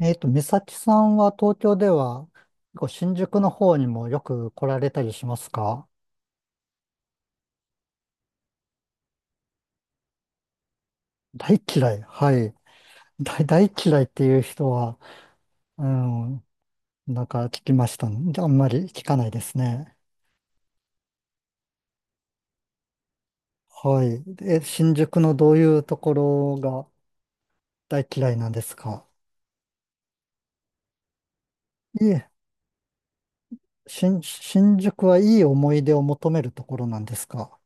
美咲さんは東京では、結構新宿の方にもよく来られたりしますか？大嫌い。はい。大嫌いっていう人は、うん、なんか聞きましたんで。あんまり聞かないですね。はい。新宿のどういうところが大嫌いなんですか？いえ、新宿はいい思い出を求めるところなんですか？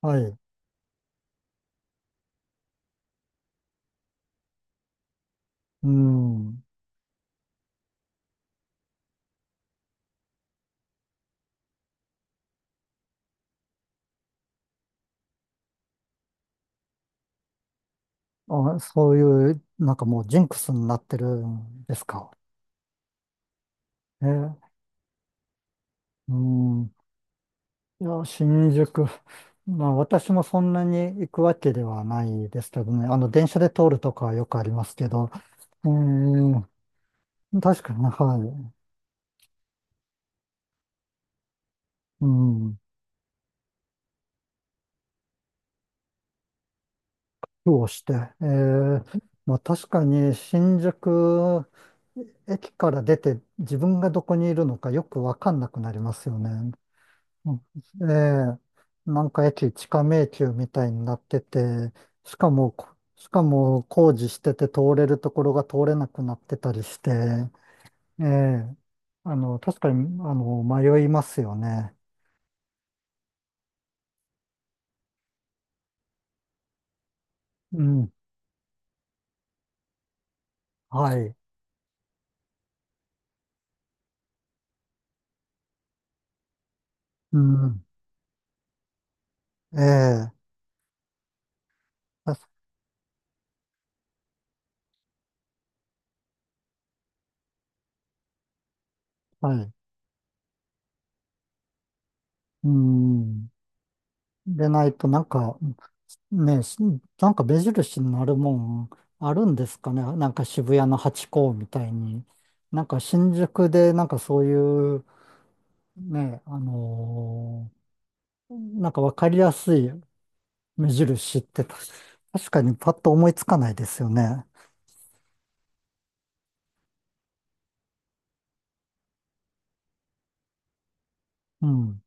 はい。うん。あ、そういう、なんかもうジンクスになってるんですか？え、うん。いや、新宿。まあ、私もそんなに行くわけではないですけどね。あの、電車で通るとかはよくありますけど。えー、確かに、はい。うん。苦労して。まあ、確かに、新宿駅から出て、自分がどこにいるのかよくわかんなくなりますよね。うん、ええ、なんか駅地下迷宮みたいになってて、しかも、しかも工事してて通れるところが通れなくなってたりして、ええ、確かに、迷いますよね。うん、はい。うん、ええ、確かはい。うん。でないと、なんか、ね、なんか目印になるもんあるんですかね。なんか渋谷のハチ公みたいに。なんか新宿で、なんかそういう、ね、なんかわかりやすい目印って確かにパッと思いつかないですよね。うん。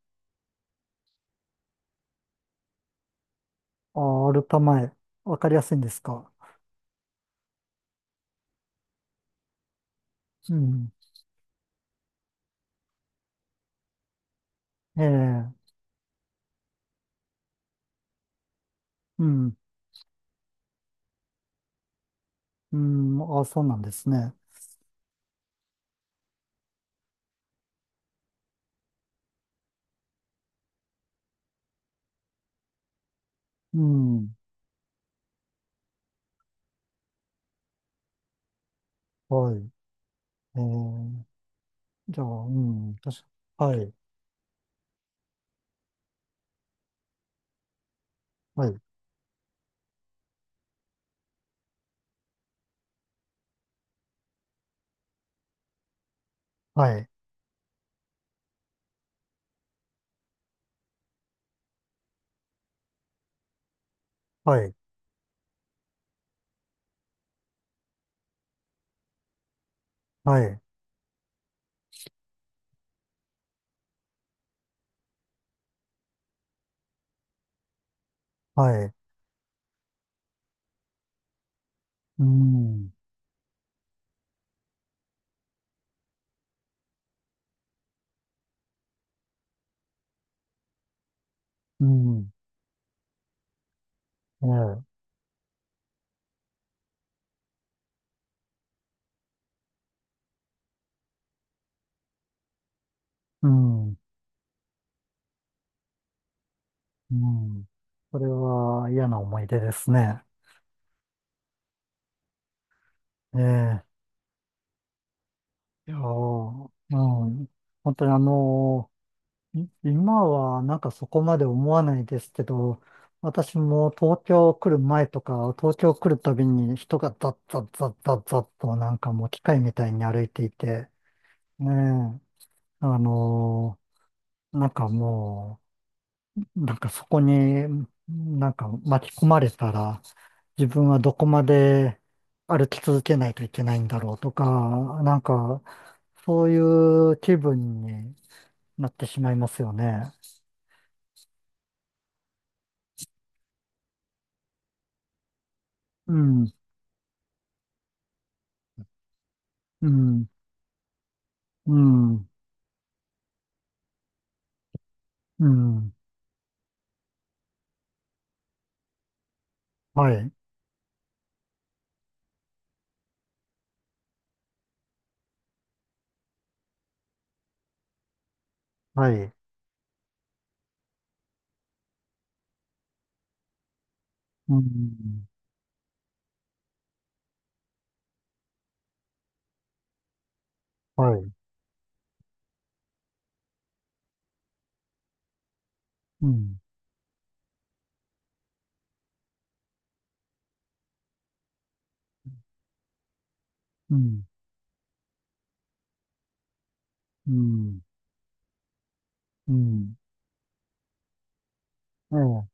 あ、アルタ前、わかりやすいんですか。うん。ええ、うん。うん。あ、そうなんですね。うん。はい。ええ、じゃあ、うん。はい。はい。はい。はい。はい。はい。うん。うん。ええ、うん。うん。これは嫌な思い出ですね。ええ。いやー、うん。本当にあのーい今はなんかそこまで思わないですけど、私も東京来る前とか、東京来るたびに人がザッザッザッザッザッとなんかもう機械みたいに歩いていて、ねえ、あのなんかもう、なんかそこになんか巻き込まれたら自分はどこまで歩き続けないといけないんだろうとか、なんかそういう気分になってしまいますよね。うん、うん、うん、うん、はい、はい、うん、はい、うん、うん、うん、うん、え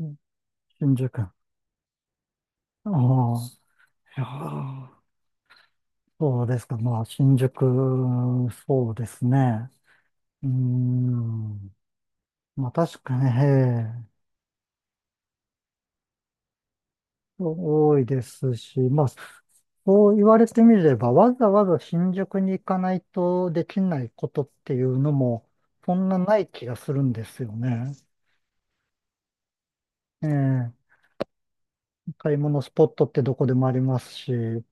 え、新宿。ああ、いやあ、そうですか。まあ、新宿、そうですね。うーん。まあ確かにね、ええ、多いですし、まあ、そう言われてみれば、わざわざ新宿に行かないとできないことっていうのも、そんなない気がするんですよね。ええ、買い物スポットってどこでもありますし、ね。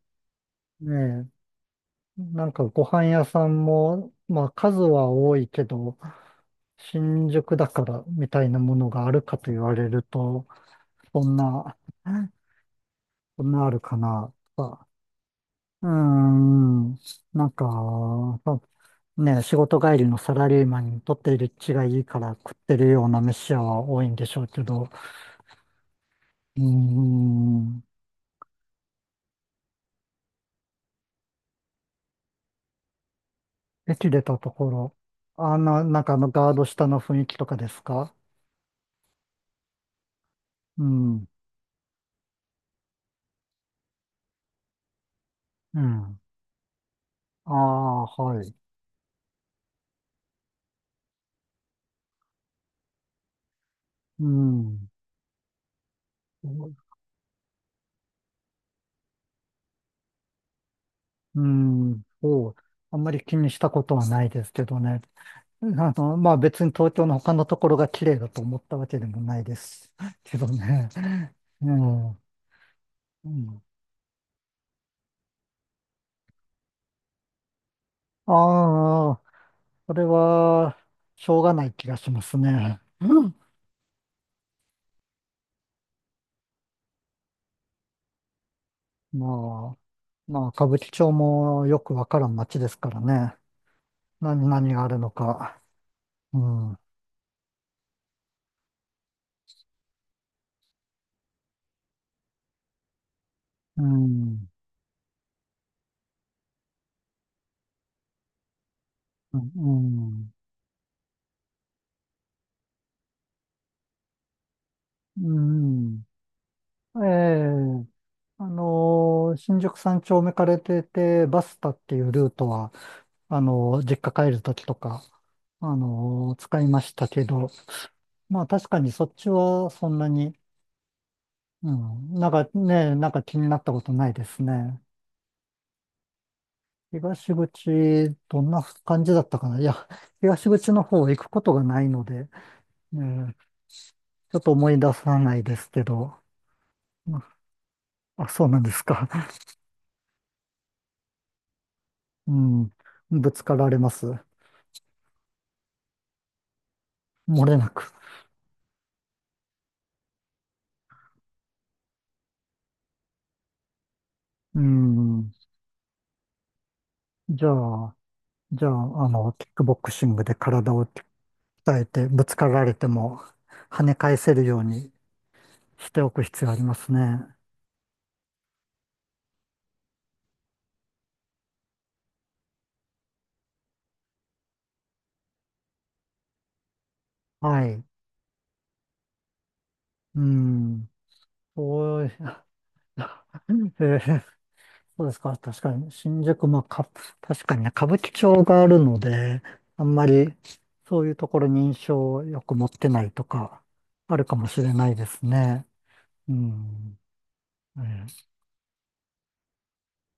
えなんかご飯屋さんも、まあ数は多いけど、新宿だからみたいなものがあるかと言われると、そんな、そんなあるかな。とか。うーん。なんか、そうね、仕事帰りのサラリーマンにとっている血がいいから食ってるような飯屋は多いんでしょうけど、うーん。駅出たところ、なんかあのガード下の雰囲気とかですか？うん。うん。ああ、はい。うん。うん。そう。あんまり気にしたことはないですけどね。あまあ別に東京の他のところが綺麗だと思ったわけでもないです けどね。うん。うん、ああ、それは、しょうがない気がしますね。うん。まあ、まあ歌舞伎町もよくわからん街ですからね。何があるのか。うん。うん。うん。うん。うん。ええ、新宿三丁目から出て、バスタっていうルートは、実家帰るときとか、使いましたけど、まあ確かにそっちはそんなに、うん、なんかね、なんか気になったことないですね。東口、どんな感じだったかな。いや、東口の方行くことがないので、ね、ちょっと思い出さないですけど、うん。あ、そうなんですか。うん、ぶつかられます。漏れなく。うん。じゃあ、じゃあ、あの、キックボクシングで体を鍛えて、ぶつかられても跳ね返せるようにしておく必要ありますね。はい。うん。そう、えーそうですか。確かに、新宿、まあ、確かにね、歌舞伎町があるので、あんまりそういうところに印象をよく持ってないとか、あるかもしれないですね。うん。えー